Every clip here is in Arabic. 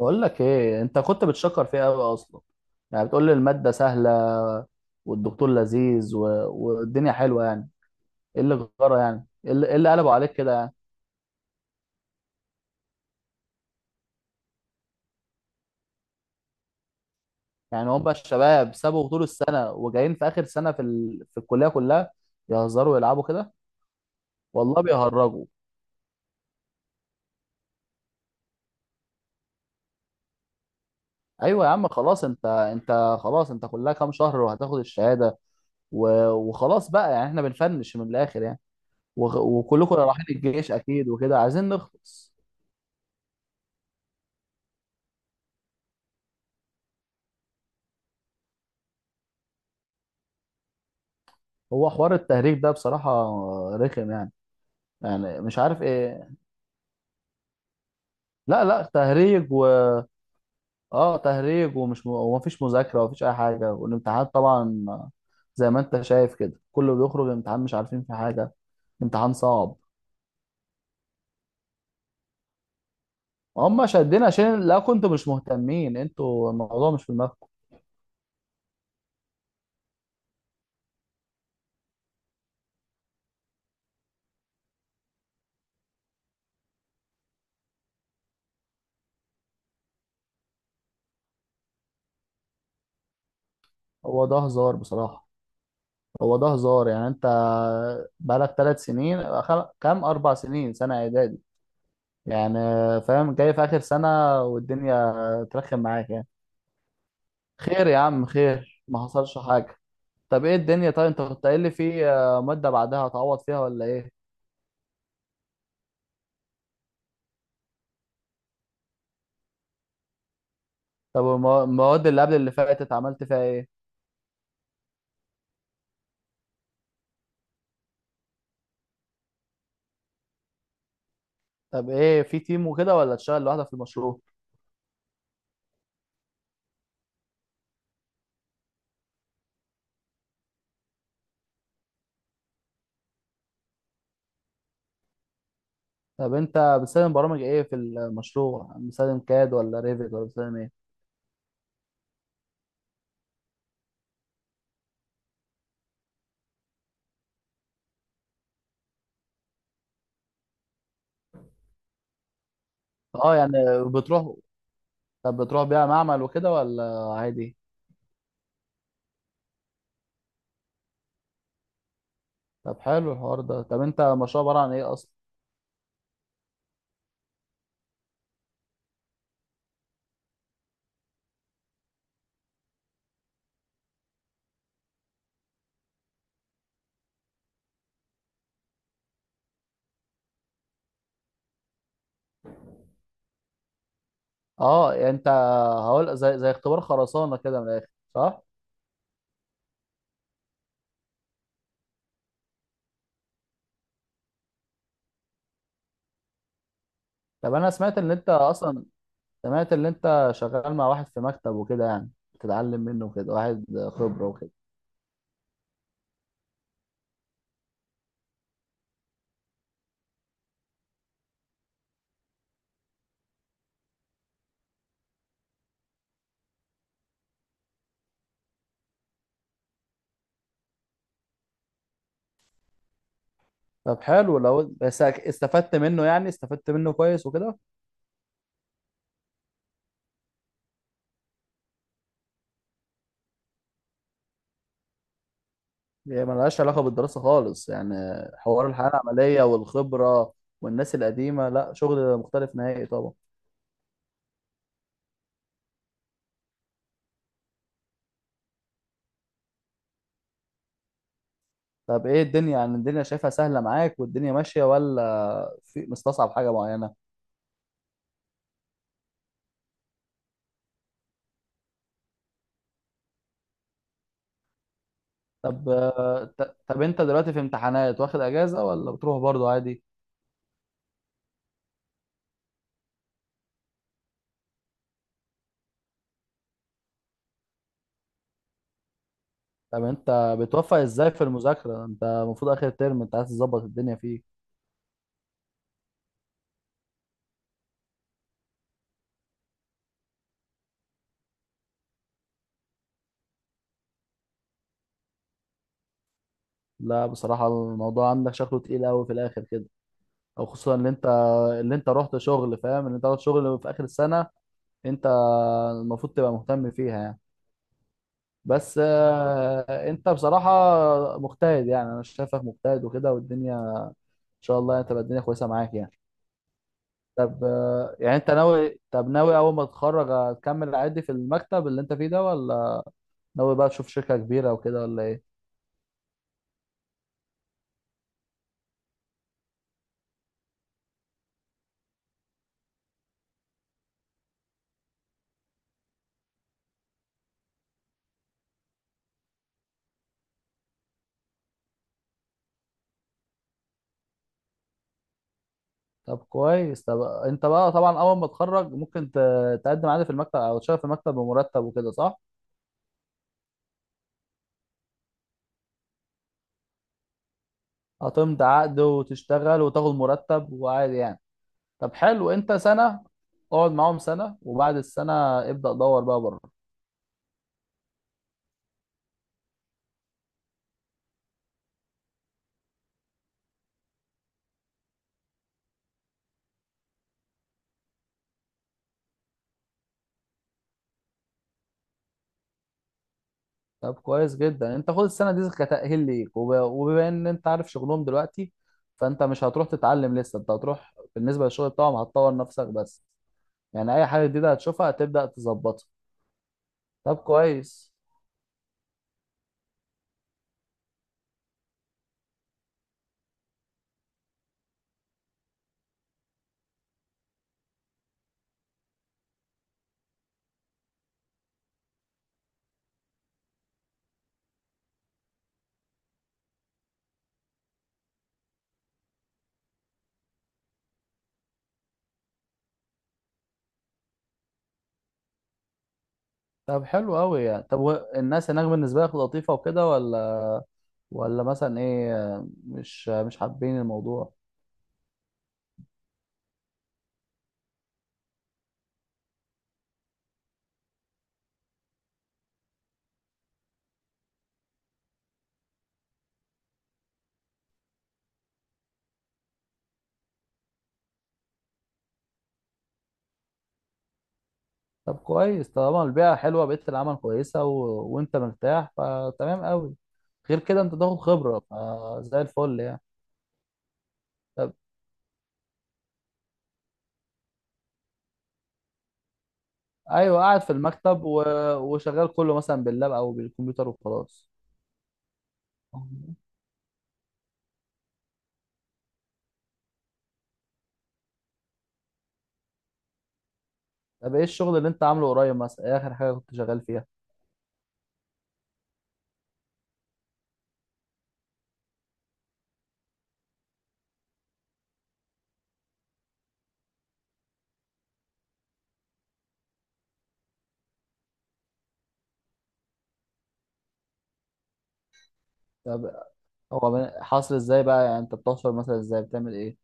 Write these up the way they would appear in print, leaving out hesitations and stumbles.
بقول لك ايه، انت كنت بتشكر فيها قوي اصلا. يعني بتقول لي الماده سهله والدكتور لذيذ والدنيا حلوه يعني. ايه اللي غيره؟ يعني ايه اللي إيه اللي قلبوا عليك كده يعني؟ يعني هم الشباب سابوا طول السنه وجايين في اخر سنه في في الكليه كلها يهزروا ويلعبوا كده. والله بيهرجوا. ايوه يا عم، خلاص، انت خلاص، انت كلها كام شهر وهتاخد الشهاده. وخلاص بقى، يعني احنا بنفنش من الاخر يعني. وغ... وكلكم رايحين الجيش اكيد وكده، عايزين نخلص. هو حوار التهريج ده بصراحة رخم يعني. يعني مش عارف ايه. لا لا، تهريج و... اه تهريج، ومفيش مذاكرة ومفيش أي حاجة، والامتحانات طبعا زي ما أنت شايف كده كله بيخرج الامتحان مش عارفين في حاجة. امتحان صعب. هم شادين عشان، لا، كنتوا مش مهتمين انتوا، الموضوع مش في دماغكم. هو ده هزار بصراحة. هو ده هزار يعني. انت بقالك 3 سنين خل- كام 4 سنين، سنة اعدادي يعني، فاهم، جاي في اخر سنة والدنيا ترخم معاك يعني. خير يا عم، خير، ما حصلش حاجة. طب ايه الدنيا؟ طيب انت كنت قايل لي في مادة بعدها هتعوض فيها، ولا ايه؟ طب المواد اللي قبل اللي فاتت عملت فيها ايه؟ طب ايه، في تيم وكده ولا تشتغل لوحدك في المشروع؟ طب انت بتستخدم برامج ايه في المشروع؟ بتستخدم كاد ولا ريفيت ولا بتستخدم ايه؟ اه يعني. بتروح طب بتروح بيها معمل وكده ولا عادي؟ طب حلو الحوار ده. طب انت المشروع عبارة عن ايه اصلا؟ اه يعني انت، هقول زي اختبار خرسانة كده من الاخر، صح؟ طب انا سمعت ان انت اصلا، سمعت اللي انت شغال مع واحد في مكتب وكده، يعني بتتعلم منه وكده، واحد خبرة وكده. طب حلو لو بس استفدت منه، يعني استفدت منه كويس وكده. هي ملهاش علاقة بالدراسة خالص يعني. حوار الحياة العملية والخبرة والناس القديمة، لا، شغل مختلف نهائي طبعا. طب ايه الدنيا؟ يعني الدنيا شايفها سهلة معاك والدنيا ماشية، ولا في مستصعب حاجة معينة؟ طب طب انت دلوقتي في امتحانات، واخد اجازة ولا بتروح برضو عادي؟ طب انت بتوفق ازاي في المذاكرة؟ انت المفروض اخر ترم انت عايز تظبط الدنيا فيه. لا بصراحة الموضوع عندك شكله تقيل قوي في الاخر كده. او خصوصا اللي انت رحت شغل، فاهم، اللي انت رحت شغل في اخر السنة، انت المفروض تبقى مهتم فيها يعني. بس انت بصراحة مجتهد، يعني انا شايفك مجتهد وكده، والدنيا ان شاء الله يعني تبقى الدنيا كويسة معاك يعني. طب آه، يعني انت ناوي طب ناوي اول ما تتخرج هتكمل عادي في المكتب اللي انت فيه ده، ولا ناوي بقى تشوف شركة كبيرة وكده، ولا ايه؟ طب كويس. طب انت بقى طبعا اول ما تتخرج ممكن تقدم عادي في المكتب او تشتغل في المكتب بمرتب وكده، صح؟ هتمضي عقد وتشتغل وتاخد مرتب وعادي يعني. طب حلو. انت سنة، اقعد معاهم سنة وبعد السنة ابدأ دور بقى بره. طب كويس جدا. انت خد السنة دي كتأهيل ليك، وب- وبما ان انت عارف شغلهم دلوقتي، فانت مش هتروح تتعلم لسه، انت هتروح بالنسبة للشغل بتاعهم هتطور نفسك بس، يعني اي حاجة جديدة هتشوفها هتبدأ تظبطها. طب كويس. طب حلو قوي يعني. طب والناس هناك بالنسبة لك لطيفة وكده، ولا، ولا مثلا ايه، مش حابين الموضوع؟ طب كويس طالما البيئة حلوة، بيئة العمل كويسة وانت مرتاح، فتمام قوي. غير كده انت تاخد خبرة فزي الفل يعني. طب ايوه، قاعد في المكتب وشغال كله مثلا باللاب او بالكمبيوتر وخلاص. طب ايه الشغل اللي انت عامله قريب؟ مثلا ايه اخر حاجة كنت شغال فيها؟ طب حاصل ازاي بقى؟ يعني انت بتحصل مثلا ازاي؟ بتعمل ايه؟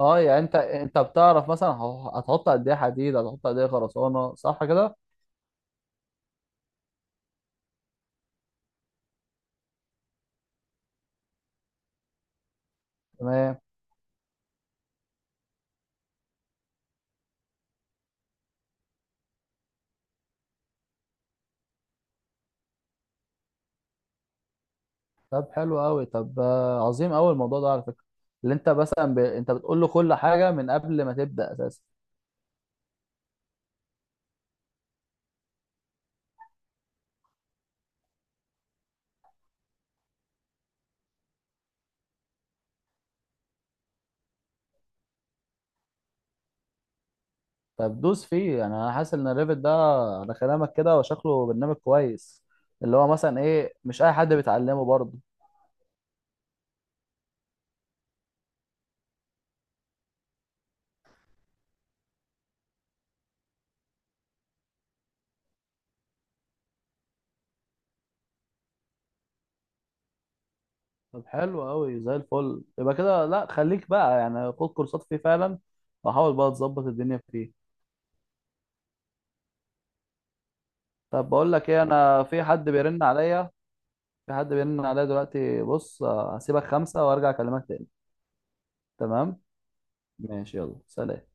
اه يعني انت بتعرف مثلا هتحط قد ايه حديد، هتحط قد ايه خرسانه، صح كده؟ تمام. طب حلو قوي. طب عظيم قوي الموضوع ده على فكره. اللي انت مثلا انت بتقول له كل حاجه من قبل ما تبدا اساسا. طب دوس فيه يعني. انا حاسس ان الريفت ده، على كلامك كده، وشكله برنامج كويس. اللي هو مثلا ايه، مش اي حد بيتعلمه برضه. طب حلو قوي زي الفل. يبقى كده لا، خليك بقى يعني، خد كورسات فيه فعلا وحاول بقى تظبط الدنيا فيه. طب بقول لك ايه، انا في حد بيرن عليا، دلوقتي. بص هسيبك خمسة وارجع اكلمك تاني. تمام. ماشي، يلا سلام.